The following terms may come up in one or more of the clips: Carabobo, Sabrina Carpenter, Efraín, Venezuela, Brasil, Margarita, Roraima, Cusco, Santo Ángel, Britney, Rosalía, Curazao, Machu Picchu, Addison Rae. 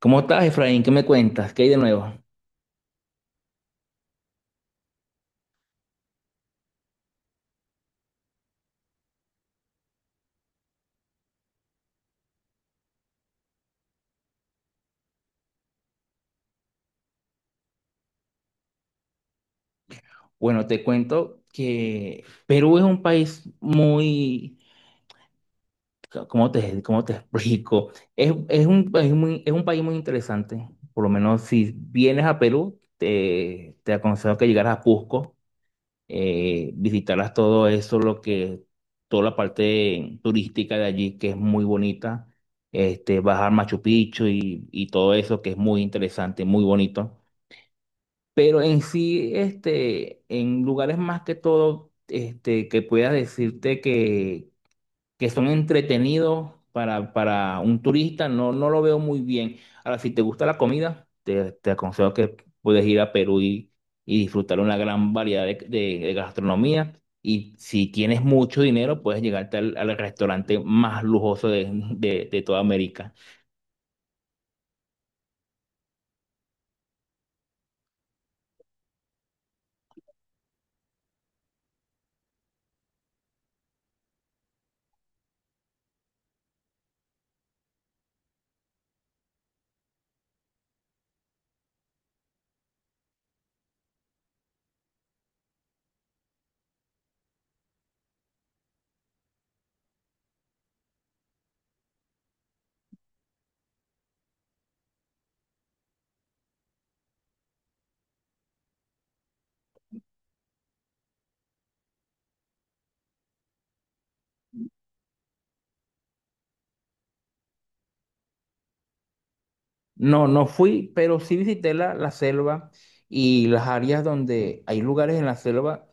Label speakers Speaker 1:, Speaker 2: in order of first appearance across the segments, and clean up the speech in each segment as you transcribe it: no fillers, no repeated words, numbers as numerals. Speaker 1: ¿Cómo estás, Efraín? ¿Qué me cuentas? ¿Qué hay de nuevo? Bueno, te cuento que Perú es un país muy, ¿cómo cómo te explico? Es un país muy, es un país muy interesante. Por lo menos si vienes a Perú, te aconsejo que llegaras a Cusco, visitaras todo eso, toda la parte turística de allí, que es muy bonita. Bajar Machu Picchu y todo eso, que es muy interesante, muy bonito. Pero en sí, este, en lugares más que todo, este, que puedas decirte que son entretenidos para un turista, no, no lo veo muy bien. Ahora, si te gusta la comida, te aconsejo que puedes ir a Perú y disfrutar una gran variedad de, de gastronomía. Y si tienes mucho dinero, puedes llegarte al, al restaurante más lujoso de, de toda América. No, no fui, pero sí visité la selva y las áreas donde hay lugares en la selva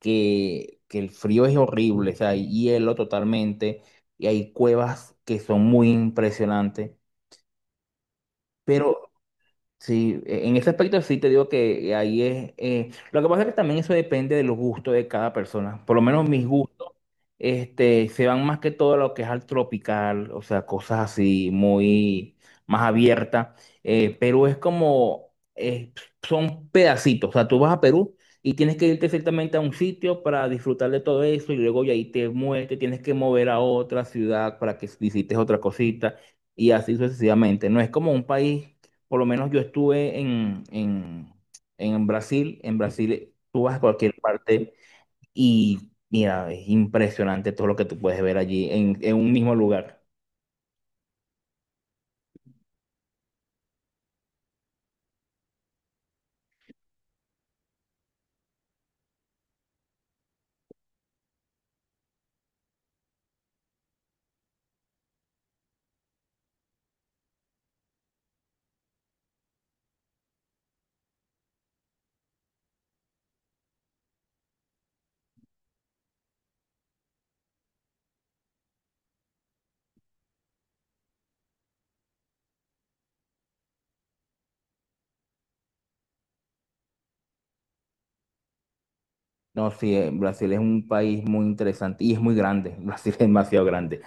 Speaker 1: que el frío es horrible, o sea, hay hielo totalmente y hay cuevas que son muy impresionantes. Pero sí, en ese aspecto sí te digo que ahí es. Eh, lo que pasa es que también eso depende de los gustos de cada persona. Por lo menos mis gustos, este, se van más que todo a lo que es al tropical, o sea, cosas así muy más abiertas. Eh, Perú es como, son pedacitos. O sea, tú vas a Perú y tienes que irte ciertamente a un sitio para disfrutar de todo eso y luego de ahí te mueves, te tienes que mover a otra ciudad para que visites otra cosita y así sucesivamente. No es como un país. Por lo menos yo estuve en Brasil. En Brasil tú vas a cualquier parte y mira, es impresionante todo lo que tú puedes ver allí en un mismo lugar. No, sí, Brasil es un país muy interesante y es muy grande. Brasil es demasiado grande.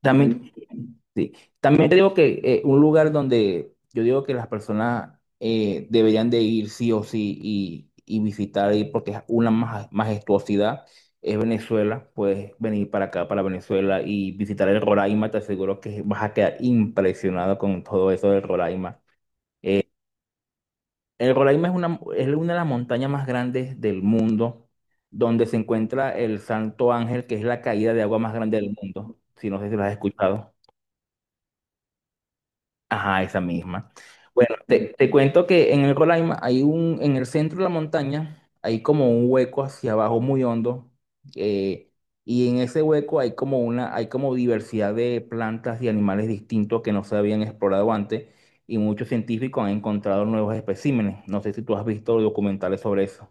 Speaker 1: También, ujú. Sí. También te digo que un lugar donde yo digo que las personas deberían de ir sí o sí y visitar ahí porque es una majestuosidad es Venezuela. Puedes venir para acá, para Venezuela y visitar el Roraima. Te aseguro que vas a quedar impresionado con todo eso del Roraima. El Roraima es una de las montañas más grandes del mundo donde se encuentra el Santo Ángel, que es la caída de agua más grande del mundo. Si no sé si lo has escuchado. Ajá, esa misma. Bueno, te cuento que en el Roraima hay un, en el centro de la montaña, hay como un hueco hacia abajo muy hondo, eh, y en ese hueco hay como una, hay como diversidad de plantas y animales distintos que no se habían explorado antes, y muchos científicos han encontrado nuevos especímenes. No sé si tú has visto documentales sobre eso.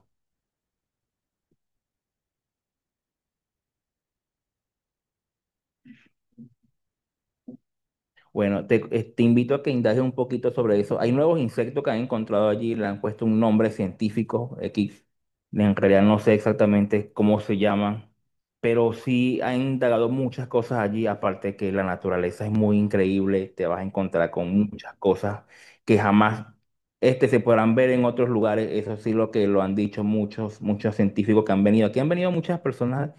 Speaker 1: Bueno, te invito a que indagues un poquito sobre eso. Hay nuevos insectos que han encontrado allí, le han puesto un nombre científico X. En realidad no sé exactamente cómo se llaman, pero sí han indagado muchas cosas allí, aparte que la naturaleza es muy increíble, te vas a encontrar con muchas cosas que jamás este, se podrán ver en otros lugares. Eso sí lo que lo han dicho muchos, muchos científicos que han venido. Aquí han venido muchas personas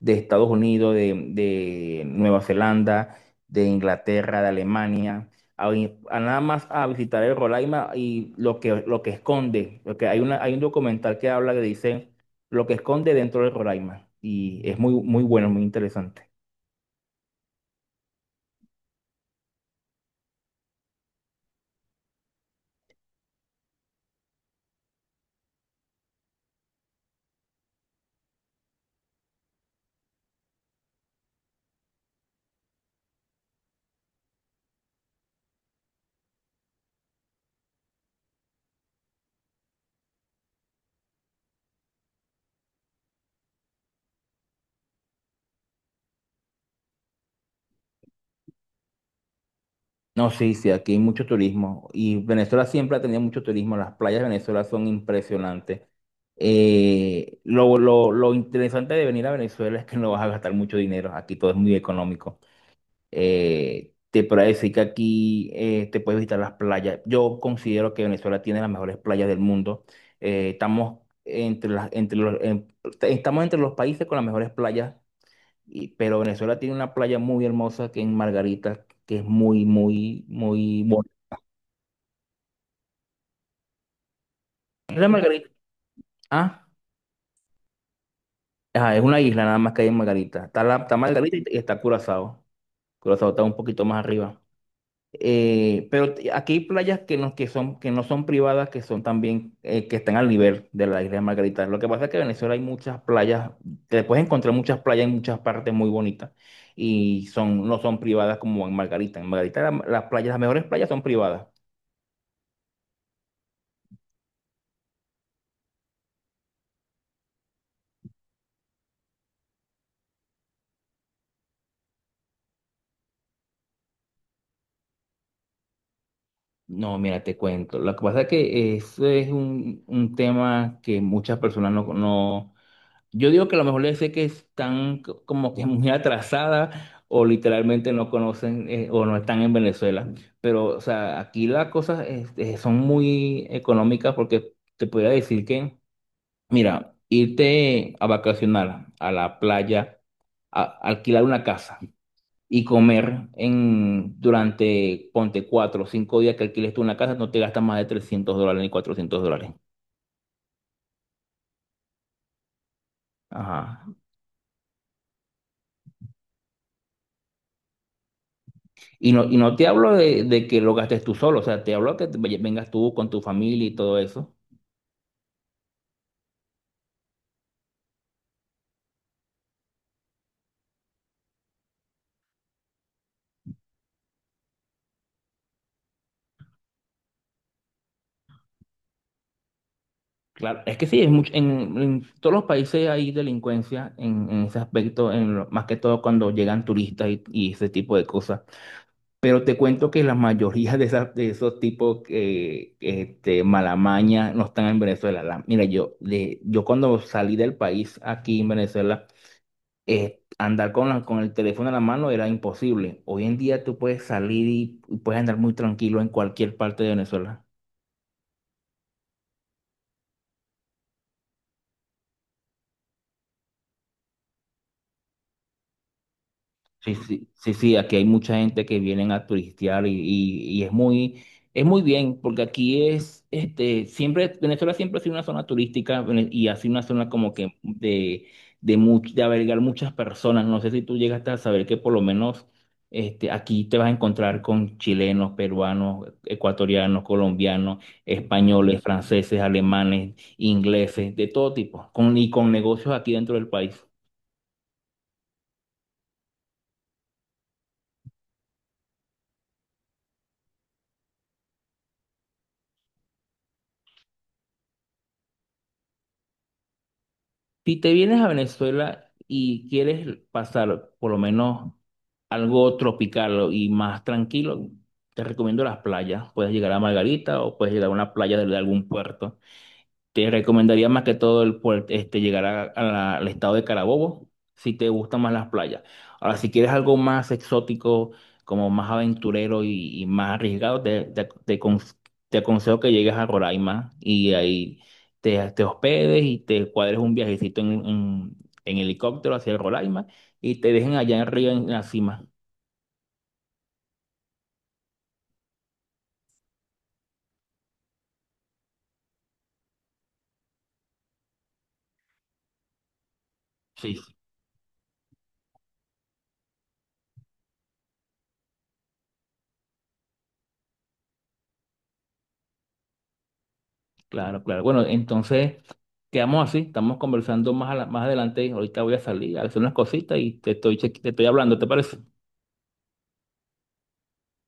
Speaker 1: de Estados Unidos, de Nueva Zelanda, de Inglaterra, de Alemania, a, a nada más a visitar el Rolaima y lo que esconde, porque hay una, hay un documental que habla que dice lo que esconde dentro del Rolaima y es muy, muy bueno, muy interesante. No, sí, sí, aquí hay mucho turismo y Venezuela siempre ha tenido mucho turismo, las playas de Venezuela son impresionantes. Lo interesante de venir a Venezuela es que no vas a gastar mucho dinero, aquí todo es muy económico. Te podría decir que aquí te puedes visitar las playas. Yo considero que Venezuela tiene las mejores playas del mundo. Estamos entre entre los, estamos entre los países con las mejores playas, pero Venezuela tiene una playa muy hermosa que es Margarita, que es muy, muy, muy bonita. ¿Es la Margarita? Ah, ajá, es una isla nada más que hay en Margarita. Está Margarita y está Curazao. Curazao está un poquito más arriba. Pero aquí hay playas que no, que son, que no son privadas, que son también, que están al nivel de la isla de Margarita. Lo que pasa es que en Venezuela hay muchas playas, te puedes encontrar muchas playas en muchas partes muy bonitas y son, no son privadas como en Margarita. En Margarita las playas, las mejores playas son privadas. No, mira, te cuento. Lo que pasa es que eso es un tema que muchas personas no, no. Yo digo que a lo mejor les sé que están como que muy atrasadas o literalmente no conocen o no están en Venezuela. Pero, o sea, aquí las cosas este, son muy económicas porque te podría decir que, mira, irte a vacacionar a la playa, alquilar una casa y comer en, durante, ponte, 4 o 5 días que alquiles tú una casa, no te gastas más de $300 ni $400. Ajá. Y no te hablo de que lo gastes tú solo, o sea, te hablo que te vengas tú con tu familia y todo eso. Claro, es que sí, es mucho, en todos los países hay delincuencia en ese aspecto, en más que todo cuando llegan turistas y ese tipo de cosas. Pero te cuento que la mayoría de, esas, de esos tipos que este, malamaña no están en Venezuela. Mira, yo, de, yo cuando salí del país aquí en Venezuela, andar con, con el teléfono en la mano era imposible. Hoy en día tú puedes salir y puedes andar muy tranquilo en cualquier parte de Venezuela. Sí, sí, sí, sí, aquí hay mucha gente que vienen a turistear y es muy bien, porque aquí es, este, siempre, Venezuela siempre ha sido una zona turística y ha sido una zona como que de, de albergar muchas personas. No sé si tú llegaste a saber que por lo menos este, aquí te vas a encontrar con chilenos, peruanos, ecuatorianos, colombianos, españoles, franceses, alemanes, ingleses, de todo tipo, con, y con negocios aquí dentro del país. Si te vienes a Venezuela y quieres pasar por lo menos algo tropical y más tranquilo, te recomiendo las playas. Puedes llegar a Margarita o puedes llegar a una playa de algún puerto. Te recomendaría más que todo el este, llegar al estado de Carabobo si te gustan más las playas. Ahora, si quieres algo más exótico, como más aventurero y más arriesgado, te te aconsejo que llegues a Roraima y ahí te hospedes y te cuadres un viajecito en helicóptero hacia Roraima y te dejen allá arriba en la cima. Claro, claro. Bueno, entonces quedamos así, estamos conversando más, más adelante. Ahorita voy a salir a hacer unas cositas y te estoy, te estoy hablando, ¿te parece?